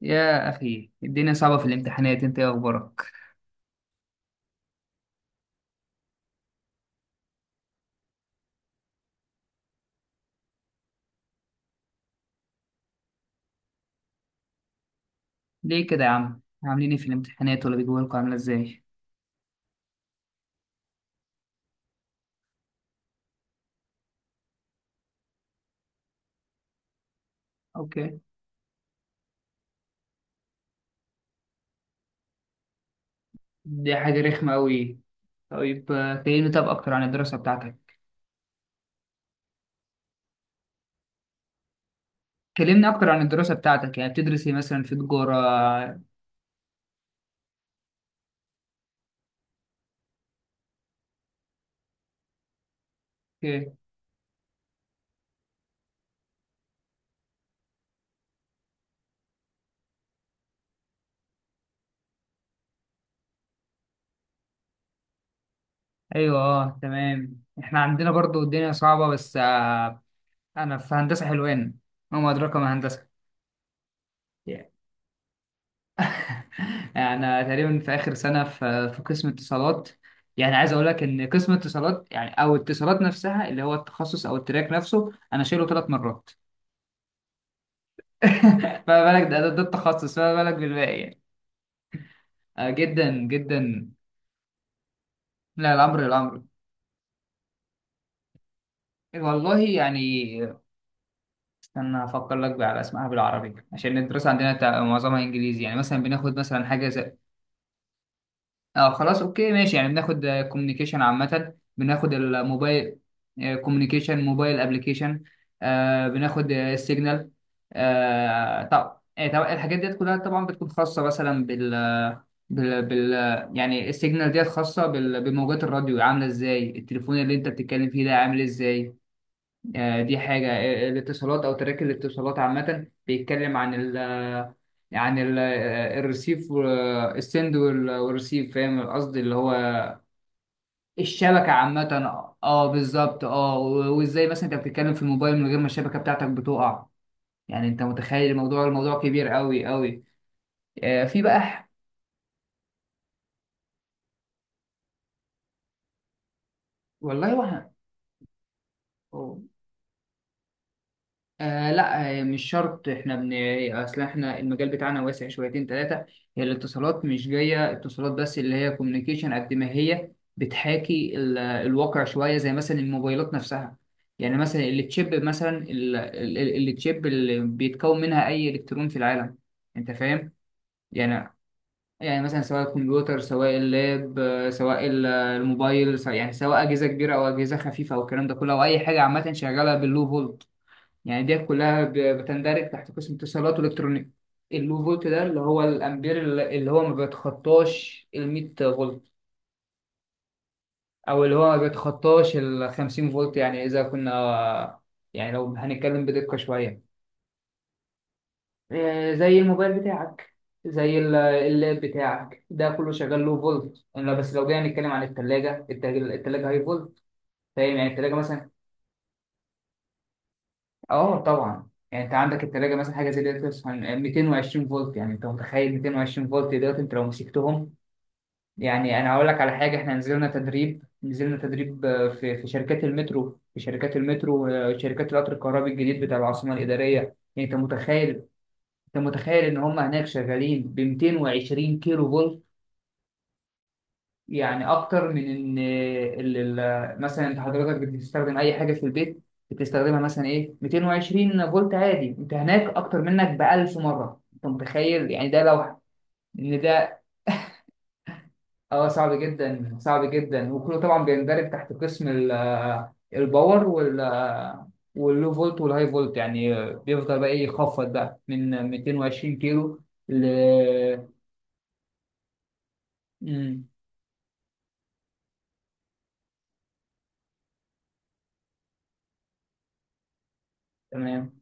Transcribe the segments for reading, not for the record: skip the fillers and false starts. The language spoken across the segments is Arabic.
يا أخي الدنيا صعبة في الامتحانات، أنت إيه أخبارك؟ ليه كده يا عم؟ عاملين إيه في الامتحانات ولا بيجوا لكم عاملة إزاي؟ أوكي. دي حاجة رخمة أوي. طيب كلمني طب أكتر عن الدراسة بتاعتك. كلمني أكتر عن الدراسة بتاعتك، يعني بتدرس إيه مثلا في تجارة؟ أوكي. أيوه، أه تمام. إحنا عندنا برضو الدنيا صعبة بس أنا في هندسة حلوان، وما أدراك ما هندسة. يعني تقريبا في اخر سنه، في قسم اتصالات. يعني عايز اقول لك ان قسم اتصالات يعني او اتصالات نفسها اللي هو التخصص او التراك نفسه انا شايله ثلاث مرات. فما بالك، ده التخصص، فما بالك بالباقي يعني. آه جدا جدا. لا الامر. والله يعني، استنى افكر لك بقى على اسمها بالعربي، عشان الدراسه عندنا معظمها انجليزي. يعني مثلا بناخد مثلا حاجه زي، اه خلاص، اوكي ماشي، يعني بناخد كوميونيكيشن عامة، بناخد الموبايل كوميونيكيشن، موبايل ابلكيشن، بناخد السيجنال، طب طب الحاجات ديت كلها طبعا بتكون خاصة مثلا بال يعني السيجنال ديت خاصة بموجات الراديو، عاملة ازاي التليفون اللي انت بتتكلم فيه ده عامل ازاي. دي حاجة. الاتصالات او تراك الاتصالات عامة بيتكلم عن الريسيف والسند والريسيف، فاهم القصد اللي هو الشبكة عامة. اه بالظبط. اه وازاي مثلا انت بتتكلم في الموبايل من غير ما الشبكة بتاعتك بتقع. يعني انت متخيل الموضوع كبير قوي قوي. آه في بقى والله وهم. آه لا، مش شرط، احنا بن اصل احنا المجال بتاعنا واسع شويتين ثلاثه. هي الاتصالات مش جايه اتصالات بس، اللي هي كوميونيكيشن قد ما هي بتحاكي الواقع شويه، زي مثلا الموبايلات نفسها. يعني مثلا التشيب، مثلا التشيب اللي بيتكون منها اي الكترون في العالم، انت فاهم. يعني، يعني مثلا سواء الكمبيوتر، سواء اللاب، سواء الموبايل، سواء يعني سواء اجهزه كبيره او اجهزه خفيفه، او الكلام ده كله، او اي حاجه عامه شغاله باللو فولت، يعني ديت كلها بتندرج تحت قسم اتصالات والكترونيك. اللو فولت ده اللي هو الامبير، اللي هو ما بيتخطاش ال 100 فولت، او اللي هو ما بيتخطاش ال 50 فولت، يعني اذا كنا، يعني لو هنتكلم بدقة شوية، زي الموبايل بتاعك، زي اللاب بتاعك، ده كله شغال لو فولت، الا بس لو جينا نتكلم عن الثلاجة، الثلاجة هاي فولت، فاهم. يعني الثلاجة مثلا، اه طبعا، يعني انت عندك التلاجة مثلا حاجه زي ديت بتوصل 220 فولت. يعني انت متخيل 220 فولت دلوقتي انت لو مسكتهم. يعني انا هقول لك على حاجه، احنا نزلنا تدريب، نزلنا تدريب في شركات المترو، في شركات المترو آه، شركات القطر الكهربي الجديد بتاع العاصمه الاداريه، يعني انت متخيل، انت متخيل ان هم هناك شغالين ب 220 كيلو فولت. يعني اكتر من ان مثلا انت حضرتك بتستخدم اي حاجه في البيت، بتستخدمها مثلا ايه، 220 فولت عادي، انت هناك اكتر منك ب 1000 مره، انت متخيل، يعني ده لوحه، ان ده، اه صعب جدا صعب جدا، وكله طبعا بيندرج تحت قسم الباور واللو فولت والهاي فولت، يعني بيفضل بقى ايه يخفض بقى من 220 كيلو ل، مم، تمام.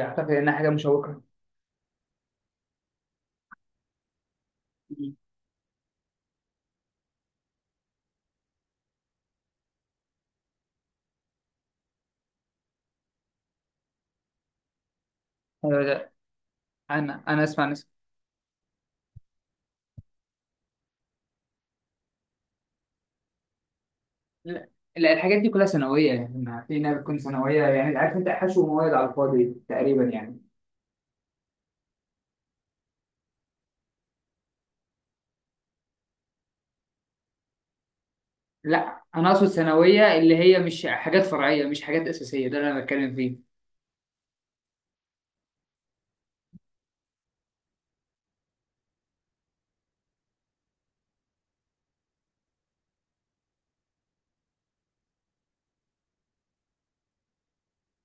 اعتقد انها حاجه مشوقه. انا انا اسمع ناس، لا لا، الحاجات دي كلها ثانويه، يعني ما في ناس بتكون ثانويه، يعني عارف انت حشو مواد على الفاضي تقريبا يعني. لا انا اقصد ثانويه اللي هي مش حاجات فرعيه، مش حاجات اساسيه، ده اللي انا بتكلم فيه.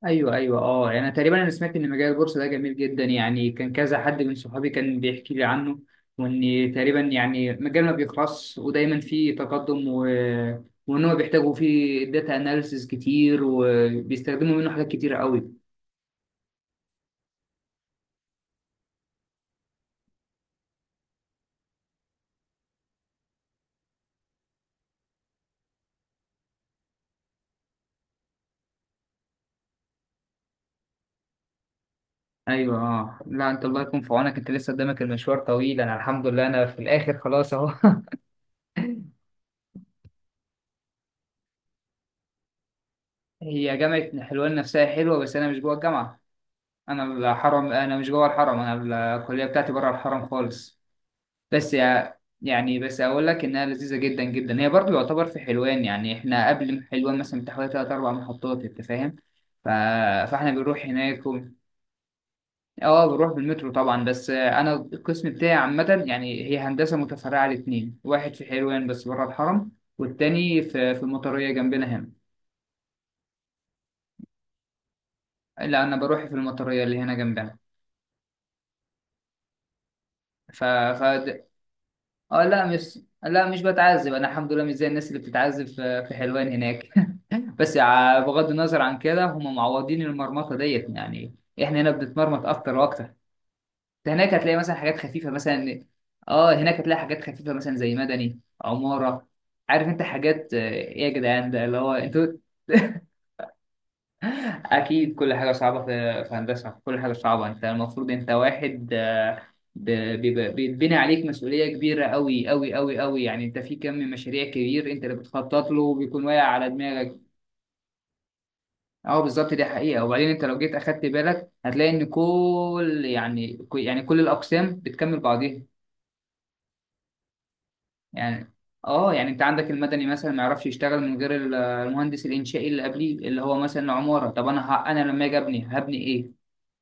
ايوه ايوه اه، يعني تقريبا انا سمعت ان مجال البورصه ده جميل جدا، يعني كان كذا حد من صحابي كان بيحكي لي عنه، وان تقريبا يعني مجال ما بيخلصش ودايما فيه تقدم، و وان هو بيحتاجوا فيه داتا اناليسز كتير، وبيستخدموا منه حاجات كتير قوي. ايوه اه، لا انت الله يكون في عونك، انت لسه قدامك المشوار طويل، انا الحمد لله انا في الاخر خلاص اهو. هي جامعه حلوان نفسها حلوه، بس انا مش جوه الجامعه، انا الحرم، انا مش جوه الحرم، انا الكليه بتاعتي بره الحرم خالص. بس يا يعني بس اقول لك انها لذيذه جدا جدا، هي برضو يعتبر في حلوان، يعني احنا قبل حلوان مثلا بتحوالي ثلاث اربع محطات، انت فاهم. ف... فاحنا بنروح هناك. اه بروح بالمترو طبعا، بس انا القسم بتاعي عامة، يعني هي هندسة متفرعة لاتنين، واحد في حلوان بس بره الحرم، والتاني في المطرية جنبنا هنا. لا انا بروح في المطرية اللي هنا جنبنا. ف ف اه لا مش، لا مش بتعذب، انا الحمد لله مش زي الناس اللي بتتعذب في حلوان هناك. بغض النظر عن كده، هم معوضين المرمطة ديت يعني، احنا هنا بنتمرمط اكتر واكتر. ده هناك هتلاقي مثلا حاجات خفيفة مثلا، اه هناك هتلاقي حاجات خفيفة مثلا زي مدني، عمارة، عارف انت حاجات، ايه يا جدعان، ده اللي هو انتوا. اكيد كل حاجة صعبة في هندسة، كل حاجة صعبة، انت المفروض انت واحد، بيتبني عليك مسؤولية كبيرة قوي قوي قوي قوي، يعني انت في كم مشاريع كبير، انت اللي بتخطط له، وبيكون واقع على دماغك. اه بالظبط، دي حقيقة. وبعدين انت لو جيت اخدت بالك هتلاقي ان كل، يعني كل الاقسام بتكمل بعضيها. يعني اه، يعني انت عندك المدني مثلا ما يعرفش يشتغل من غير المهندس الانشائي اللي قبليه، اللي هو مثلا عمارة. طب انا انا لما اجي ابني هبني ايه؟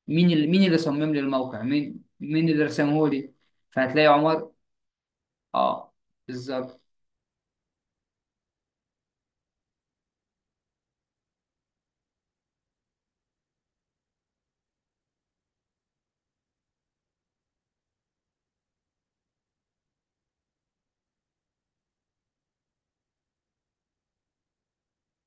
مين اللي صمم لي الموقع، مين اللي رسمه لي؟ فهتلاقي عمار، اه بالظبط.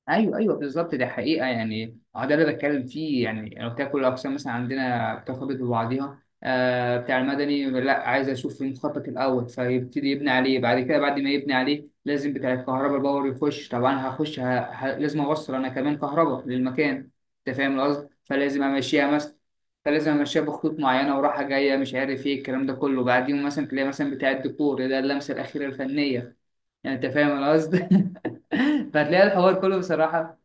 ايوه ايوه بالظبط، ده حقيقه يعني. اه ده اللي بتكلم فيه، يعني انا قلت لك كل الاقسام مثلا عندنا بترتبط ببعضها. آه بتاع المدني لا، عايز اشوف المخطط الاول، فيبتدي يبني عليه. بعد كده بعد ما يبني عليه لازم بتاع الكهرباء الباور يخش، طبعا هخش لازم اوصل انا كمان كهرباء للمكان، انت فاهم القصد. فلازم امشيها مثلا، فلازم امشيها بخطوط معينه وراحه جايه مش عارف ايه الكلام ده كله. بعدين مثلا تلاقي مثلا بتاع الدكتور ده اللمسه الاخيره الفنيه، يعني انت فاهم انا قصدي. فتلاقي الحوار كله بصراحه،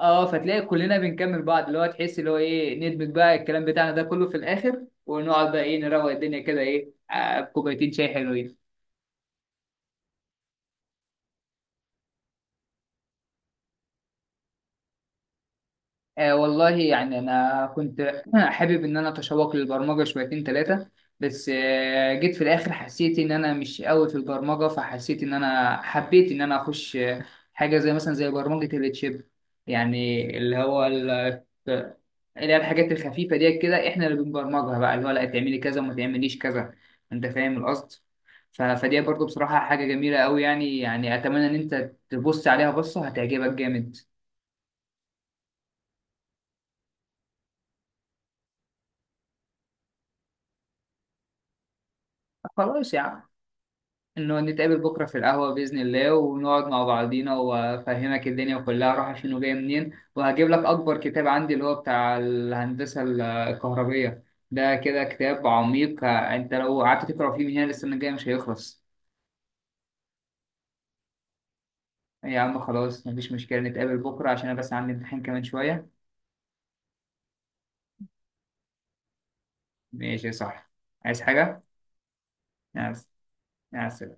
اه فتلاقي كلنا بنكمل بعض، اللي هو تحس اللي هو ايه، ندمج بقى الكلام بتاعنا ده كله في الاخر، ونقعد بقى ايه، نروق الدنيا كده، ايه، بكوبايتين شاي حلوين. والله يعني انا كنت حابب ان انا اتشوق للبرمجه شويتين ثلاثه، بس جيت في الاخر حسيت ان انا مش قوي في البرمجه، فحسيت ان انا حبيت ان انا اخش حاجه زي مثلا زي برمجه التشيب، يعني اللي هو اللي هي الحاجات الخفيفة ديت كده احنا اللي بنبرمجها، بقى اللي هو لا تعملي كذا وما تعمليش كذا، انت فاهم القصد. فدي برضو بصراحة حاجة جميلة قوي، يعني يعني اتمنى ان انت تبص عليها بصة هتعجبك جامد. خلاص يا عم، انه نتقابل بكرة في القهوة بإذن الله، ونقعد مع بعضينا، وافهمك الدنيا كلها رايحة فين وجاية منين، وهجيب لك اكبر كتاب عندي اللي هو بتاع الهندسة الكهربية، ده كده كتاب عميق، انت لو قعدت تقرا فيه من هنا للسنة الجاية مش هيخلص. يا عم خلاص مفيش مشكلة، نتقابل بكرة، عشان أنا بس عندي امتحان كمان شوية. ماشي صح. عايز حاجة؟ يا عس- يا عسل.